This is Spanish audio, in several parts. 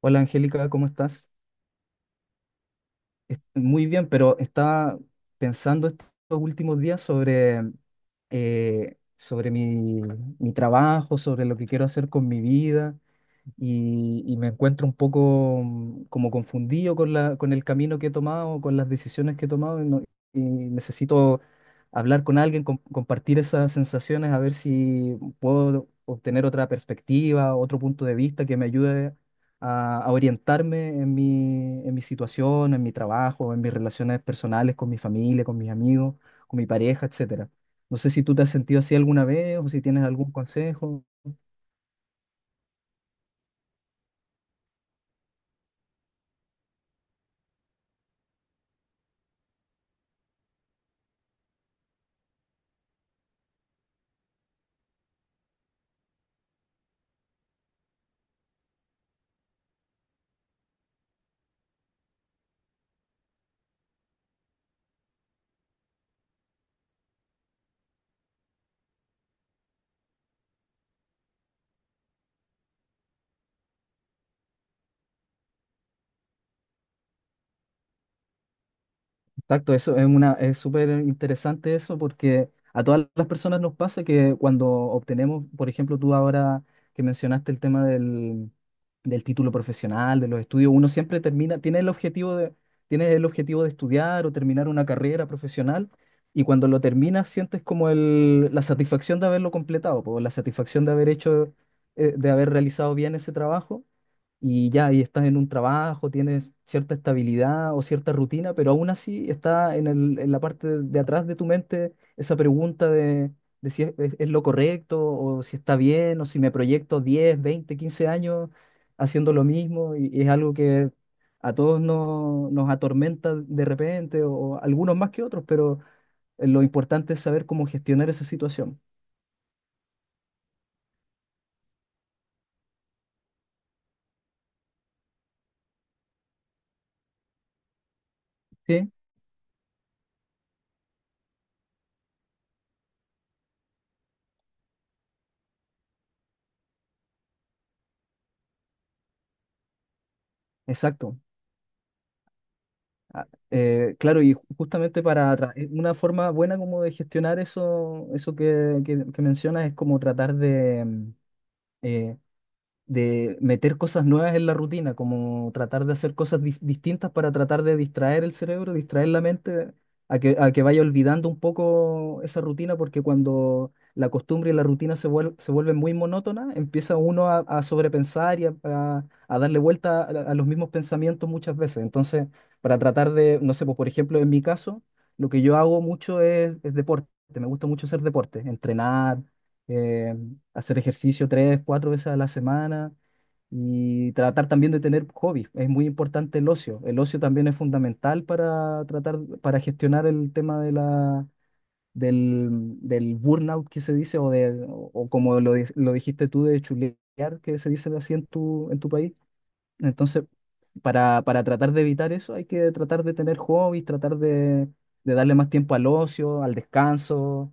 Hola Angélica, ¿cómo estás? Muy bien, pero estaba pensando estos últimos días sobre mi trabajo, sobre lo que quiero hacer con mi vida, y me encuentro un poco como confundido con con el camino que he tomado, con las decisiones que he tomado y, no- y necesito hablar con alguien, compartir esas sensaciones, a ver si puedo obtener otra perspectiva, otro punto de vista que me ayude a orientarme en en mi situación, en mi trabajo, en mis relaciones personales con mi familia, con mis amigos, con mi pareja, etcétera. No sé si tú te has sentido así alguna vez o si tienes algún consejo. Exacto, eso es es súper interesante eso, porque a todas las personas nos pasa que cuando obtenemos, por ejemplo, tú ahora que mencionaste el tema del título profesional, de los estudios, tiene el objetivo de estudiar o terminar una carrera profesional, y cuando lo terminas sientes como la satisfacción de haberlo completado, po, la satisfacción de haber realizado bien ese trabajo, y ya, y estás en un trabajo, tienes cierta estabilidad o cierta rutina, pero aún así está en en la parte de atrás de tu mente esa pregunta de si es lo correcto, o si está bien, o si me proyecto 10 20 15 años haciendo lo mismo, y es algo que a todos nos atormenta de repente, o algunos más que otros, pero lo importante es saber cómo gestionar esa situación. Sí, exacto. Ah, claro, y justamente una forma buena como de gestionar eso, eso que mencionas es como tratar eh, de meter cosas nuevas en la rutina, como tratar de hacer cosas distintas para tratar de distraer el cerebro, distraer la mente, a que vaya olvidando un poco esa rutina, porque cuando la costumbre y la rutina se vuelven muy monótonas, empieza uno a sobrepensar y a darle vuelta a los mismos pensamientos muchas veces. Entonces, para tratar de, no sé, pues, por ejemplo, en mi caso, lo que yo hago mucho es deporte, me gusta mucho hacer deporte, entrenar. eh, Hacer ejercicio 3, 4 veces a la semana, y tratar también de tener hobbies. Es muy importante el ocio. El ocio también es fundamental para tratar, para gestionar el tema de del burnout, que se dice, o, de, o como lo dijiste tú, de chulear, que se dice así en en tu país. Entonces, para tratar de evitar eso hay que tratar de tener hobbies, tratar de darle más tiempo al ocio, al descanso.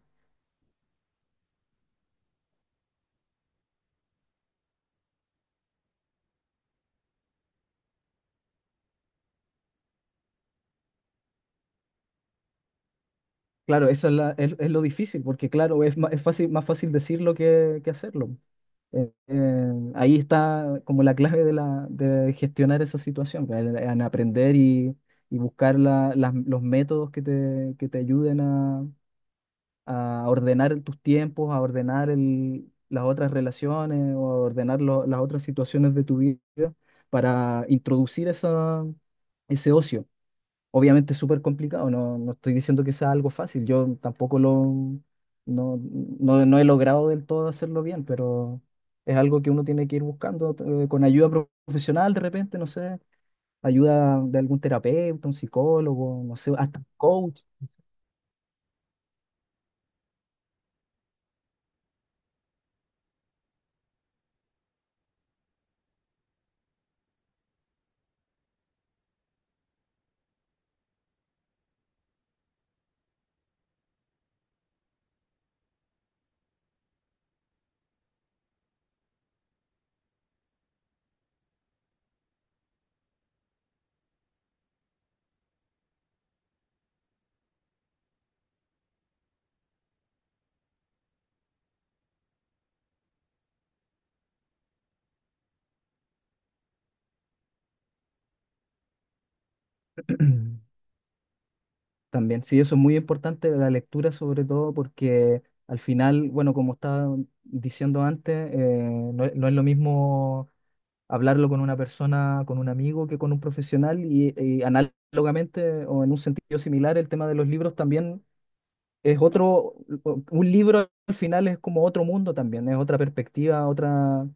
Claro, eso es lo difícil, porque claro, es fácil, más fácil decirlo que hacerlo. Ahí está como la clave de gestionar esa situación, pues, en aprender y buscar los métodos que te ayuden a ordenar tus tiempos, a ordenar las otras relaciones, o a ordenar las otras situaciones de tu vida, para introducir ese ocio. Obviamente es súper complicado, no estoy diciendo que sea algo fácil, yo tampoco lo, no, no, no he logrado del todo hacerlo bien, pero es algo que uno tiene que ir buscando, con ayuda profesional de repente, no sé, ayuda de algún terapeuta, un psicólogo, no sé, hasta un coach. También. Sí, eso es muy importante, la lectura sobre todo, porque al final, bueno, como estaba diciendo antes, no, es no es lo mismo hablarlo con una persona, con un amigo, que con un profesional, y análogamente o en un sentido similar, el tema de los libros también es otro, un libro al final es como otro mundo también, es otra perspectiva, otra,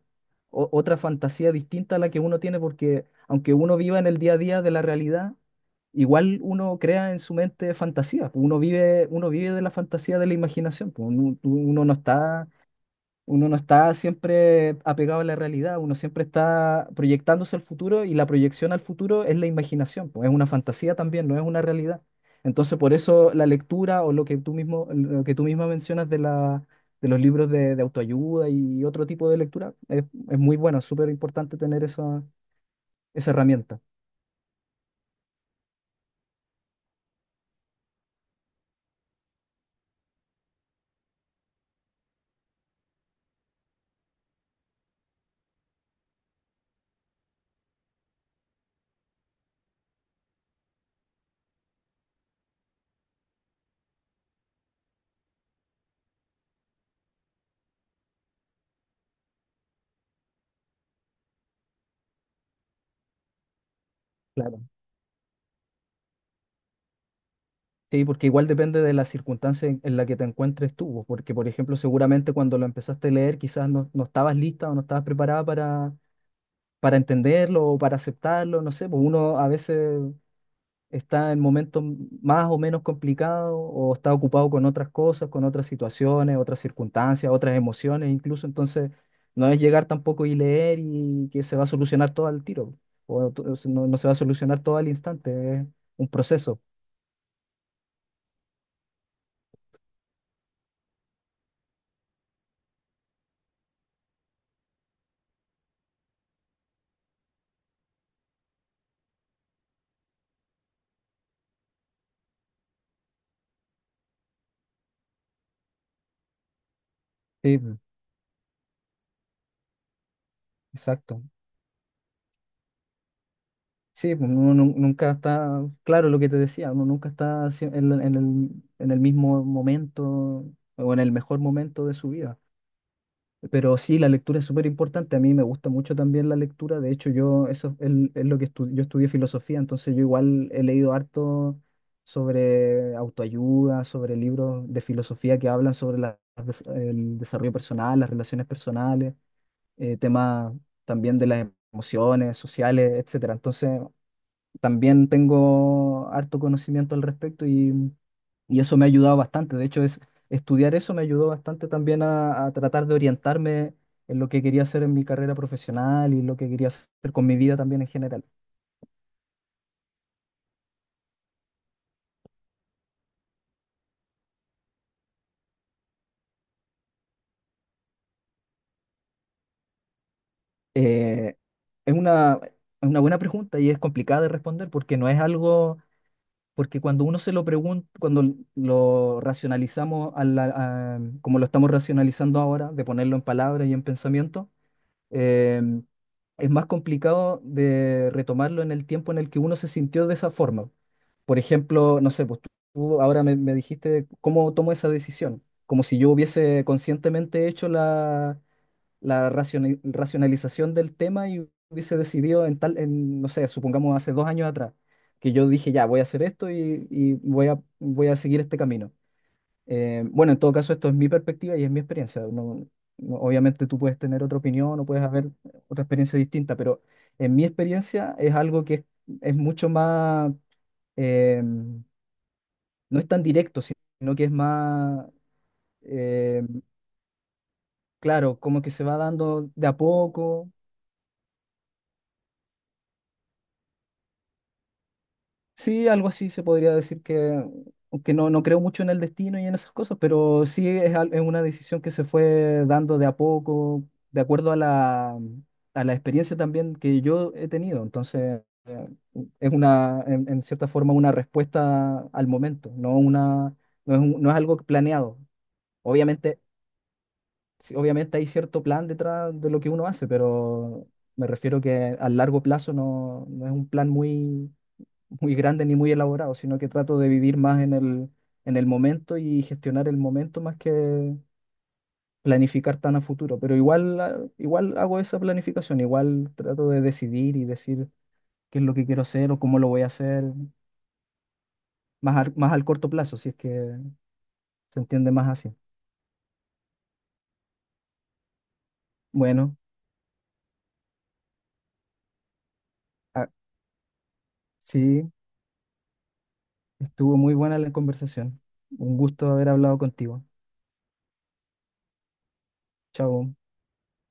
o- otra fantasía distinta a la que uno tiene, porque aunque uno viva en el día a día de la realidad, igual uno crea en su mente fantasías. Uno vive de la fantasía, de la imaginación. Pues, uno no está siempre apegado a la realidad, uno siempre está proyectándose al futuro, y la proyección al futuro es la imaginación, pues es una fantasía también, no es una realidad. Entonces, por eso la lectura, o lo que lo que tú misma mencionas de de los libros de autoayuda y otro tipo de lectura es muy bueno, es súper importante tener esa herramienta. Claro. Sí, porque igual depende de la circunstancia en la que te encuentres tú, pues, porque por ejemplo, seguramente cuando lo empezaste a leer quizás no estabas lista o no estabas preparada para entenderlo o para aceptarlo, no sé, pues uno a veces está en momentos más o menos complicados, o está ocupado con otras cosas, con otras situaciones, otras circunstancias, otras emociones incluso. Entonces, no es llegar tampoco y leer y que se va a solucionar todo al tiro, o to- no, no se va a solucionar todo al instante, es un proceso. Sí, pues, exacto. Sí, pues, uno nunca está, claro, lo que te decía, uno nunca está en el mismo momento o en el mejor momento de su vida. Pero sí, la lectura es súper importante. A mí me gusta mucho también la lectura. De hecho, yo, eso es lo que estu- yo estudié filosofía, entonces yo igual he leído harto sobre autoayuda, sobre libros de filosofía que hablan sobre el desarrollo personal, las relaciones personales, temas también de las emociones sociales, etcétera. Entonces, también tengo harto conocimiento al respecto, y eso me ha ayudado bastante. De hecho, estudiar eso me ayudó bastante también a tratar de orientarme en lo que quería hacer en mi carrera profesional, y lo que quería hacer con mi vida también en general. Eh, es una buena pregunta y es complicada de responder, porque no es algo, porque cuando uno se lo pregunta, cuando lo racionalizamos a como lo estamos racionalizando ahora, de ponerlo en palabras y en pensamiento, em, es más complicado de retomarlo en el tiempo en el que uno se sintió de esa forma. Por ejemplo, no sé, pues tú ahora me dijiste cómo tomo esa decisión, como si yo hubiese conscientemente hecho la racionalización del tema, y hubiese decidido en tal, en, no sé, supongamos hace 2 años atrás, que yo dije, ya, voy a hacer esto, y voy a seguir este camino. Bueno, en todo caso, esto es mi perspectiva y es mi experiencia. Obviamente tú puedes tener otra opinión, o puedes haber otra experiencia distinta, pero en mi experiencia es algo que es mucho más, no es tan directo, sino que es más, eh, claro, como que se va dando de a poco. Sí, algo así se podría decir que, aunque no creo mucho en el destino y en esas cosas, pero sí es, es una decisión que se fue dando de a poco, de acuerdo a a la experiencia también que yo he tenido. Entonces, es una, en cierta forma, una respuesta al momento, no es algo planeado. Obviamente, sí, obviamente hay cierto plan detrás de lo que uno hace, pero me refiero que a largo plazo no es un plan muy muy grande ni muy elaborado, sino que trato de vivir más en en el momento, y gestionar el momento más que planificar tan a futuro. Pero igual, ah, igual hago esa planificación, igual trato de decidir y decir qué es lo que quiero hacer o cómo lo voy a hacer, más al corto plazo, si es que se entiende más así. Bueno, ah, sí, estuvo muy buena la conversación. Un gusto haber hablado contigo. Chao.